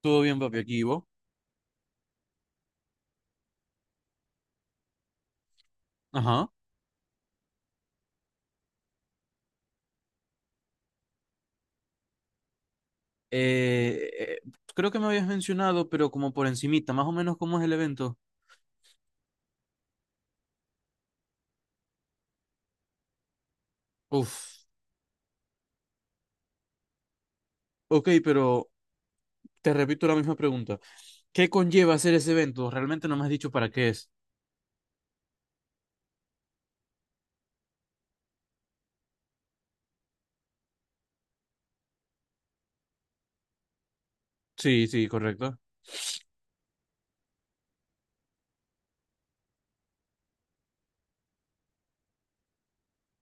Todo bien, papi, aquí ¿y vos? Ajá. Eh, eh, Creo que me habías mencionado, pero como por encimita, más o menos cómo es el evento. Uf. Ok, pero te repito la misma pregunta. ¿Qué conlleva hacer ese evento? Realmente no me has dicho para qué es. Sí, sí, correcto.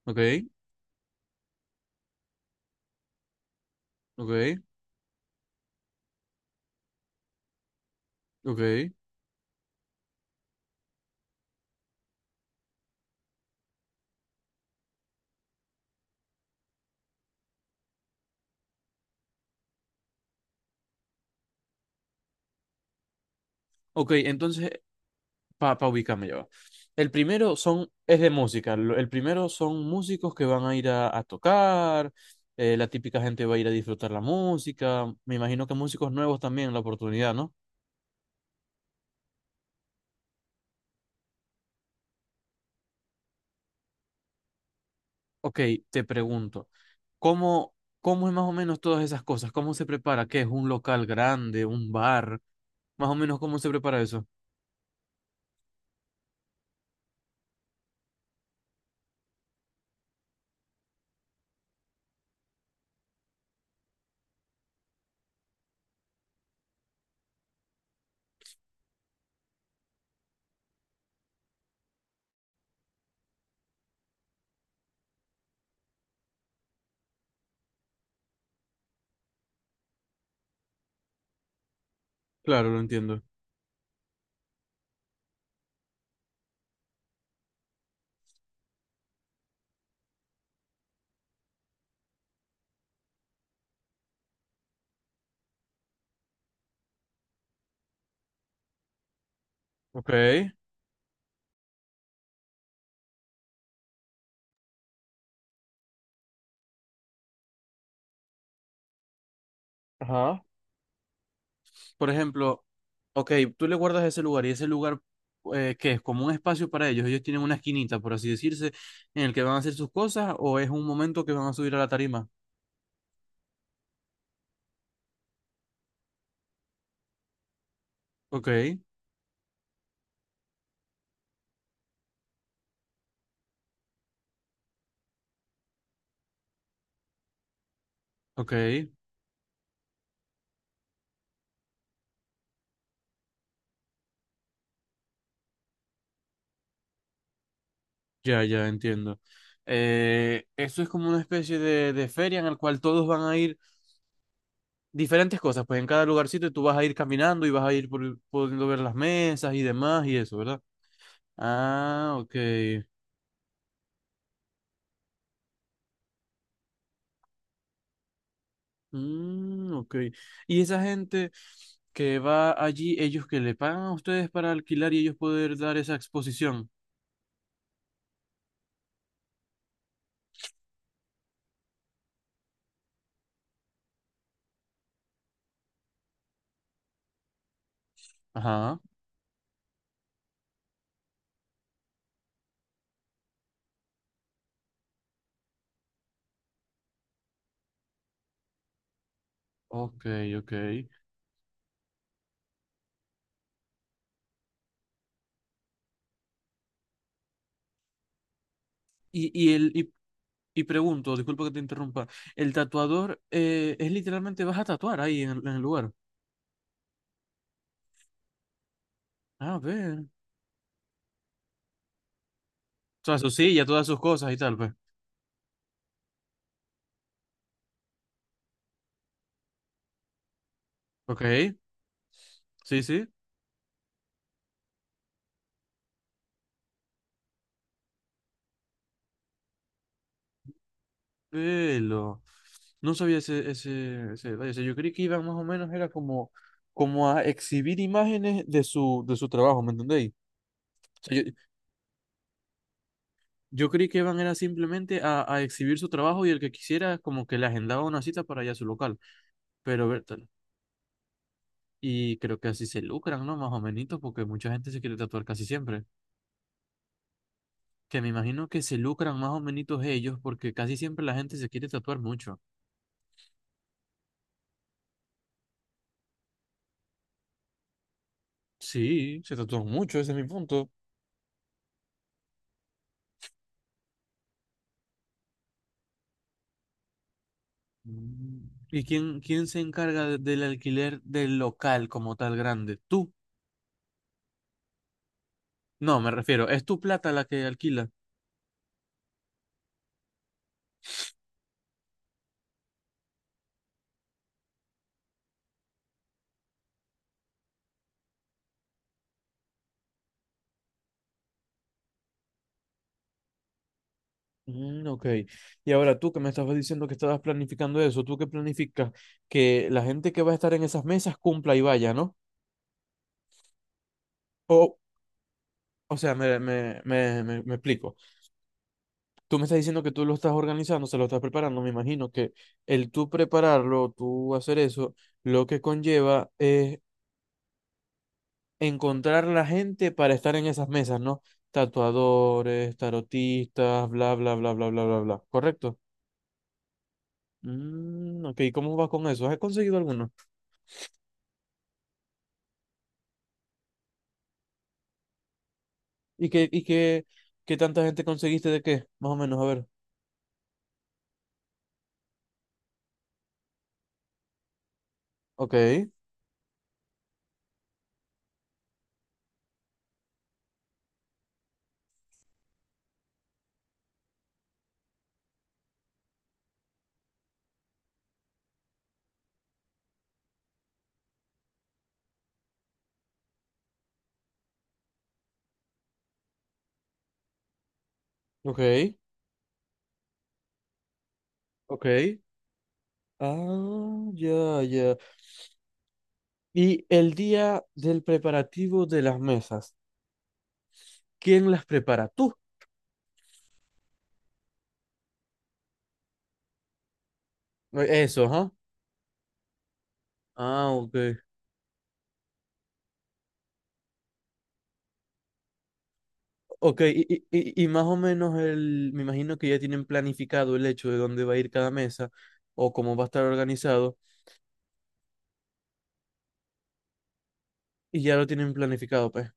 Ok, ok, ok. Ok, entonces para ubicarme yo. El primero es de música. El primero son músicos que van a ir a tocar. Eh, la típica gente va a ir a disfrutar la música. Me imagino que músicos nuevos también la oportunidad, ¿no? Ok, te pregunto, ¿cómo, ¿cómo es más o menos todas esas cosas? ¿Cómo se prepara? ¿Qué es un local grande, un bar? Más o menos, ¿cómo se prepara eso? Claro, lo entiendo. Ok. Ajá. Por ejemplo, ok, tú le guardas ese lugar y ese lugar que es como un espacio para ellos, ellos tienen una esquinita, por así decirse, en el que van a hacer sus cosas o es un momento que van a subir a la tarima. Ok, ok, ya, ya entiendo. Eso es como una especie de feria en la cual todos van a ir diferentes cosas, pues en cada lugarcito tú vas a ir caminando y vas a ir pudiendo ver las mesas y demás y eso, ¿verdad? Ah, ok. Mm, ok. Y esa gente que va allí, ellos que le pagan a ustedes para alquilar y ellos poder dar esa exposición. Ajá. Ok, ok. Y, y el, y, y pregunto, disculpa que te interrumpa, el tatuador es literalmente vas a tatuar ahí el en el lugar. A ver. O sea, su silla, todas sus cosas y tal, pues. Ok. Sí, sí. Velo. No sabía ese detalle. O sea, yo creí que iban más o menos, era como, como a exhibir imágenes de su trabajo, ¿me entendéis? O sea, yo creí que iban era simplemente a exhibir su trabajo y el que quisiera como que le agendaba una cita para allá a su local. Pero, Bertal, y creo que así se lucran, ¿no? Más o menos, porque mucha gente se quiere tatuar casi siempre. Que me imagino que se lucran más o menos ellos porque casi siempre la gente se quiere tatuar mucho. Sí, se tatúan mucho, ese es mi punto. Mm. ¿Y quién se encarga del alquiler del local como tal grande? ¿Tú? No, me refiero, ¿es tu plata la que alquila? Mm, ok. Y ahora tú que me estabas diciendo que estabas planificando eso, ¿tú qué planificas? Que la gente que va a estar en esas mesas cumpla y vaya, ¿no? O, o sea, me explico. Tú me estás diciendo que tú lo estás organizando, se lo estás preparando, me imagino que el tú prepararlo, tú hacer eso, lo que conlleva es encontrar la gente para estar en esas mesas, ¿no? Tatuadores, tarotistas, bla, bla, bla, bla, bla, bla, bla. ¿Correcto? Mm, ok, ¿cómo vas con eso? ¿Has conseguido alguno? ¿Y qué, y qué, ¿qué tanta gente conseguiste de qué? Más o menos, a ver. Ok, ok, ok. Ah, ya, ya. Y el día del preparativo de las mesas, ¿quién las prepara? ¿Tú? Eso, ¿ah? Ah, ok. Ok, y más o menos el, me imagino que ya tienen planificado el hecho de dónde va a ir cada mesa o cómo va a estar organizado y ya lo tienen planificado, pues.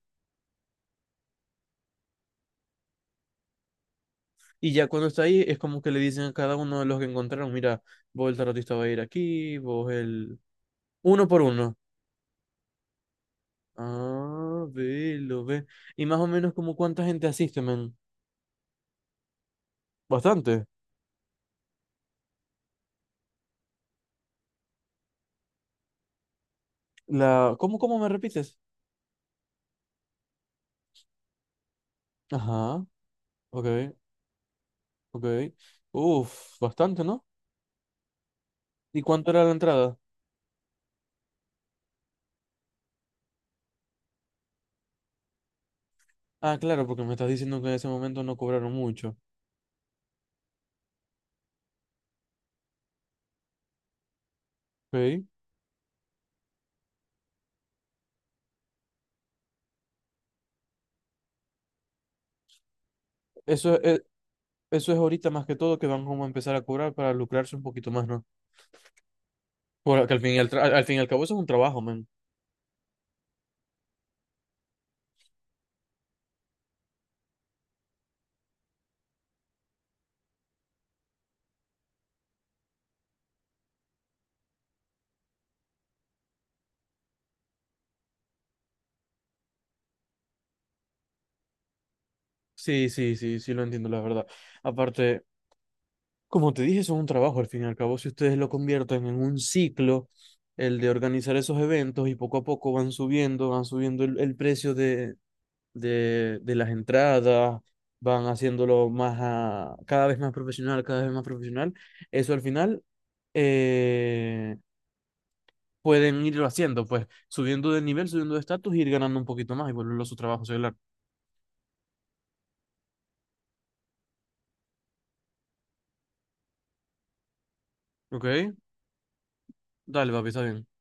Y ya cuando está ahí es como que le dicen a cada uno de los que encontraron, mira, vos el tarotista va a ir aquí, vos el... Uno por uno. Ah, ve, lo ve. Y más o menos como cuánta gente asiste, men. Bastante. La... ¿Cómo, cómo me repites? Ajá, ok, ok. Uf, bastante, ¿no? ¿Y cuánto era la entrada? Ah, claro, porque me estás diciendo que en ese momento no cobraron mucho. Ok. Eso es, eso es ahorita más que todo que van como a empezar a cobrar para lucrarse un poquito más, ¿no? Porque al fin y al fin y al cabo eso es un trabajo, man. Sí, sí, sí, sí lo entiendo, la verdad. Aparte, como te dije, eso es un trabajo. Al fin y al cabo, si ustedes lo convierten en un ciclo, el de organizar esos eventos y poco a poco van subiendo el precio de las entradas, van haciéndolo cada vez más profesional, cada vez más profesional. Eso al final eh, pueden irlo haciendo, pues subiendo de nivel, subiendo de estatus y ir ganando un poquito más y volverlo a su trabajo celular. ¿Ok? Dale, papi, está bien.